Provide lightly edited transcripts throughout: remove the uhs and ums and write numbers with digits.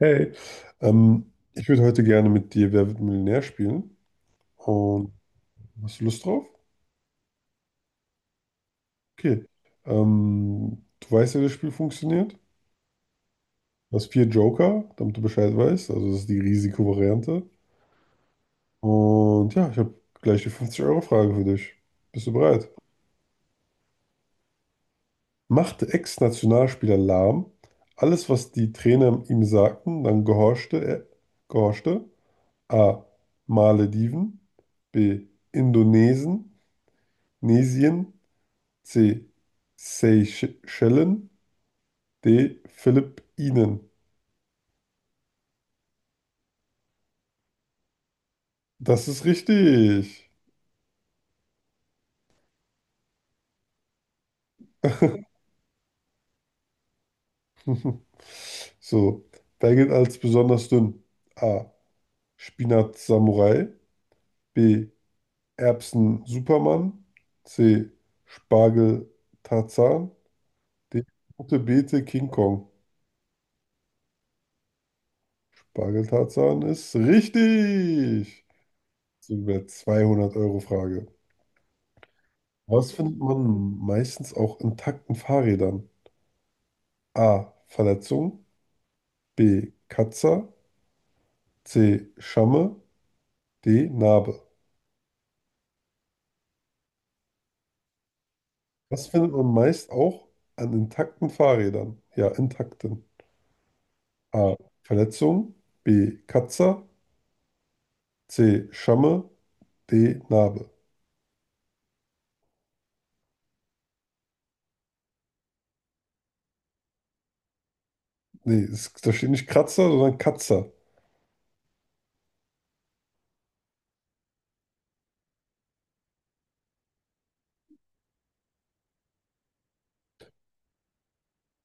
Hey, ich würde heute gerne mit dir Wer wird Millionär spielen. Und hast du Lust drauf? Okay. Du weißt ja, wie das Spiel funktioniert. Du hast vier Joker, damit du Bescheid weißt. Also das ist die Risikovariante. Und ja, ich habe gleich die 50-Euro-Frage für dich. Bist du bereit? Machte Ex-Nationalspieler lahm. Alles, was die Trainer ihm sagten, dann gehorchte er. Gehorchte. A. Malediven. B. Indonesien. Nesien. C. Seychellen. D. Philippinen. Das ist richtig. So, wer gilt als besonders dünn? A. Spinat Samurai. B. Erbsen Superman. C. Spargel Tarzan. D. Rote Beete King Kong. Spargel Tarzan ist richtig. So über 200 Euro Frage. Was findet man meistens auch intakten Fahrrädern? A. Verletzung. B. Katzer. C. Schamme. D. Narbe. Was findet man meist auch an intakten Fahrrädern? Ja, intakten. A. Verletzung. B. Katzer. C. Schamme. D. Narbe. Nee, es, da steht nicht Kratzer, sondern Katzer.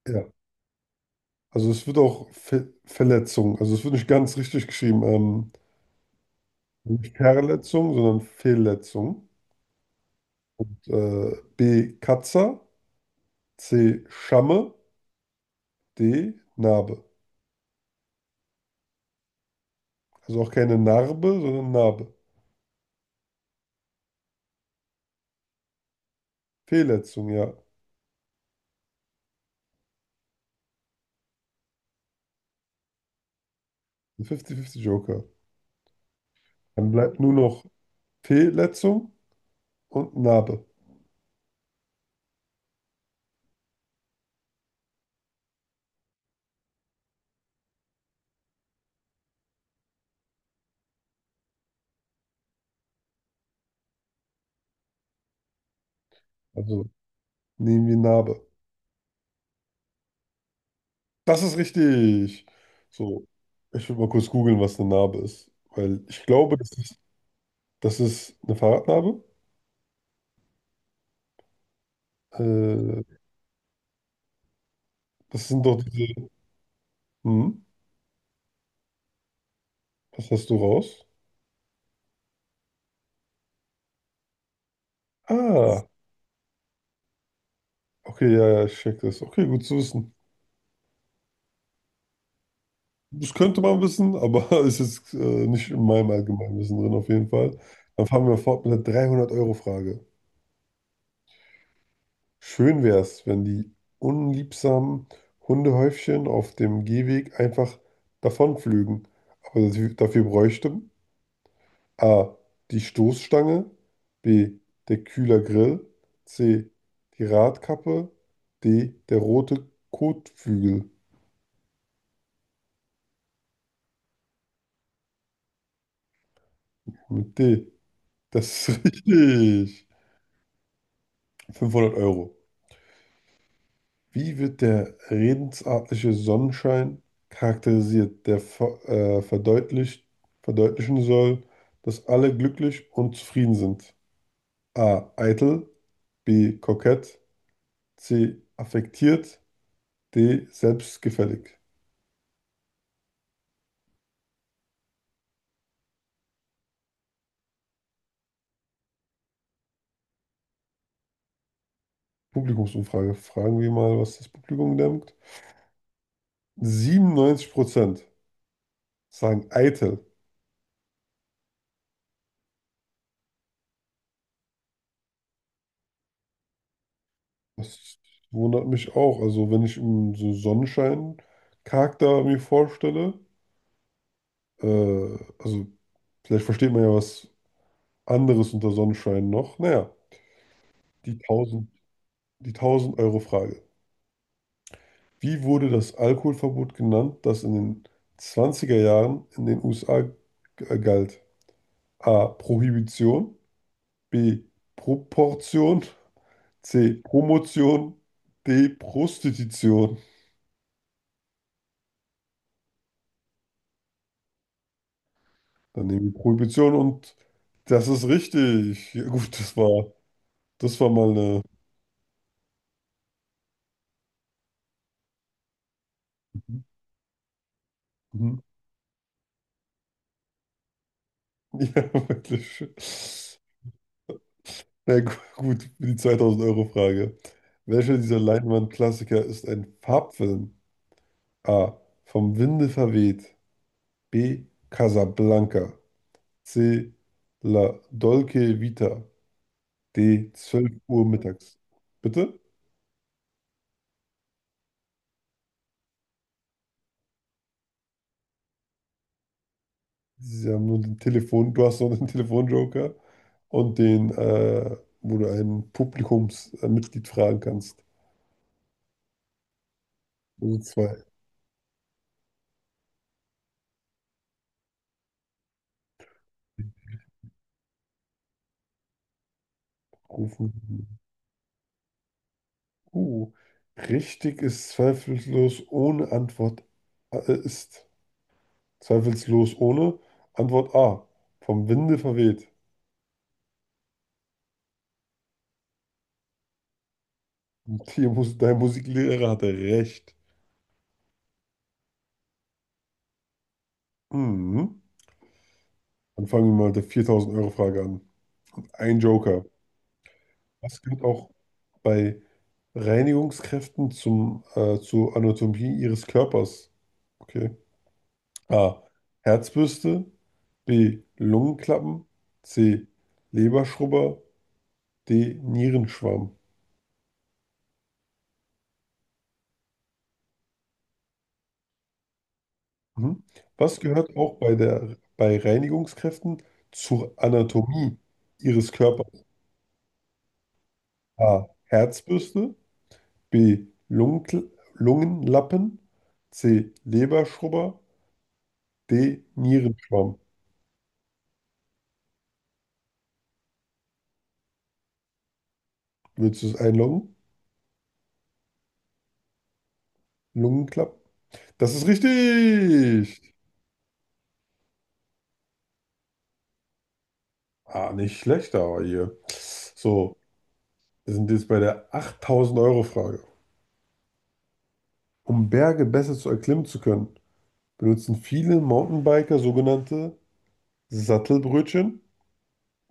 Ja. Also es wird auch Fe Verletzung. Also es wird nicht ganz richtig geschrieben. Nicht Verletzung, sondern Fehlletzung. Und B. Katzer. C. Schamme. D. Narbe. Also auch keine Narbe, sondern Narbe. Fehlletzung, ja. Ein 50-50-Joker. Dann bleibt nur noch Fehlletzung und Narbe. Also nehmen wir Narbe. Das ist richtig. So, ich will mal kurz googeln, was eine Narbe ist. Weil ich glaube, das ist eine Fahrradnarbe. Äh, das sind doch diese. Hm, was hast du raus? Ah, okay, ja, ja, ich check das. Okay, gut zu wissen. Das könnte man wissen, aber es ist nicht in meinem Allgemeinwissen drin auf jeden Fall. Dann fahren wir fort mit der 300-Euro-Frage. Schön wäre es, wenn die unliebsamen Hundehäufchen auf dem Gehweg einfach davonflügen. Aber dafür bräuchte A. die Stoßstange, B. der Kühlergrill, C. die Radkappe, D. der rote Kotflügel mit D. Das ist richtig. 500 Euro. Wie wird der redensartliche Sonnenschein charakterisiert, der verdeutlichen soll, dass alle glücklich und zufrieden sind? A. Eitel, B. Kokett, C. Affektiert, D. Selbstgefällig. Publikumsumfrage. Fragen wir mal, was das Publikum denkt. 97% sagen eitel. Das wundert mich auch. Also, wenn ich so Sonnenschein-Charakter mir vorstelle, äh, also vielleicht versteht man ja was anderes unter Sonnenschein noch. Naja, die tausend, die tausend Euro Frage. Wie wurde das Alkoholverbot genannt, das in den 20er Jahren in den USA galt? A. Prohibition. B. Proportion. C. Promotion. D. Prostitution. Dann nehmen wir Prohibition und das ist richtig. Ja, gut, das war mal eine. Mhm. Ja, wirklich. Na gut, für die 2000-Euro-Frage. Welcher dieser Leinwandklassiker ist ein Farbfilm? A. Vom Winde verweht. B. Casablanca. C. La Dolce Vita. D. 12 Uhr mittags. Bitte? Sie haben nur den Telefon, du hast noch den Telefonjoker und den, wo du ein Publikumsmitglied fragen kannst. Also zwei rufen. Uh, richtig ist zweifellos ohne Antwort ist zweifellos ohne Antwort A. Vom Winde verweht. Und die Mus dein Musiklehrer hatte recht. Mhm. Dann fangen wir mal mit der 4000-Euro-Frage an. Ein Joker. Was gilt auch bei Reinigungskräften zur Anatomie ihres Körpers? Okay. A. Herzbürste. B. Lungenklappen. C. Leberschrubber. Denierenschwamm. Mhm. Was gehört auch bei Reinigungskräften zur Anatomie Ihres Körpers? A. Herzbürste. B. Lungenlappen. C. Leberschrubber. D. Nierenschwamm. Willst du es einloggen? Lungenklappen? Das ist richtig! Ah, nicht schlecht, aber hier. So, wir sind jetzt bei der 8000-Euro-Frage. Um Berge besser zu erklimmen zu können, benutzen viele Mountainbiker sogenannte Sattelbrötchen,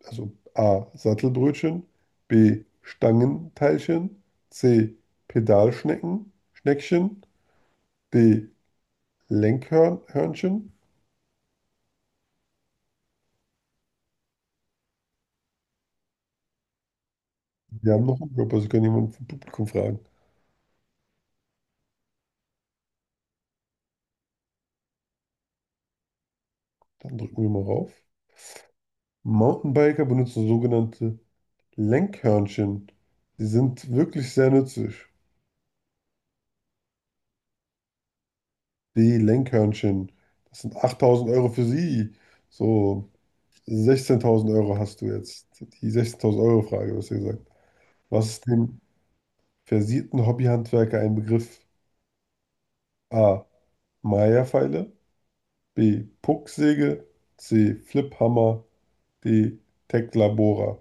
also A. Sattelbrötchen, B. Stangenteilchen, C. Pedalschnecken, Schneckchen, D. Lenkhörnchen. Wir haben noch einen Job, also kann jemand vom Publikum fragen. Dann drücken wir mal rauf. Mountainbiker benutzen sogenannte Lenkhörnchen. Sie sind wirklich sehr nützlich. Die Lenkhörnchen, das sind 8.000 Euro für sie. So 16.000 Euro hast du jetzt. Die 16.000 Euro Frage, was ihr gesagt. Was ist dem versierten Hobbyhandwerker ein Begriff? A. Maya-Pfeile, B. Pucksäge, C. Fliphammer, D. Tecklabora.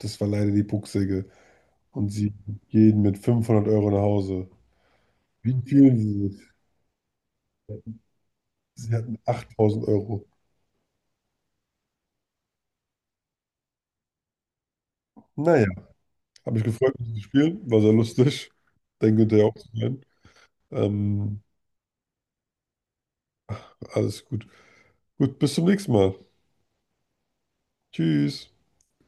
Das war leider die Pucksäge. Und sie gehen mit 500 Euro nach Hause. Wie fühlen sie sich? Sie hatten 8000 Euro. Naja, habe mich gefreut, mit zu spielen. War sehr lustig. Denke, hinterher auch zu sein. Ähm, alles gut. Gut, bis zum nächsten Mal. Tschüss.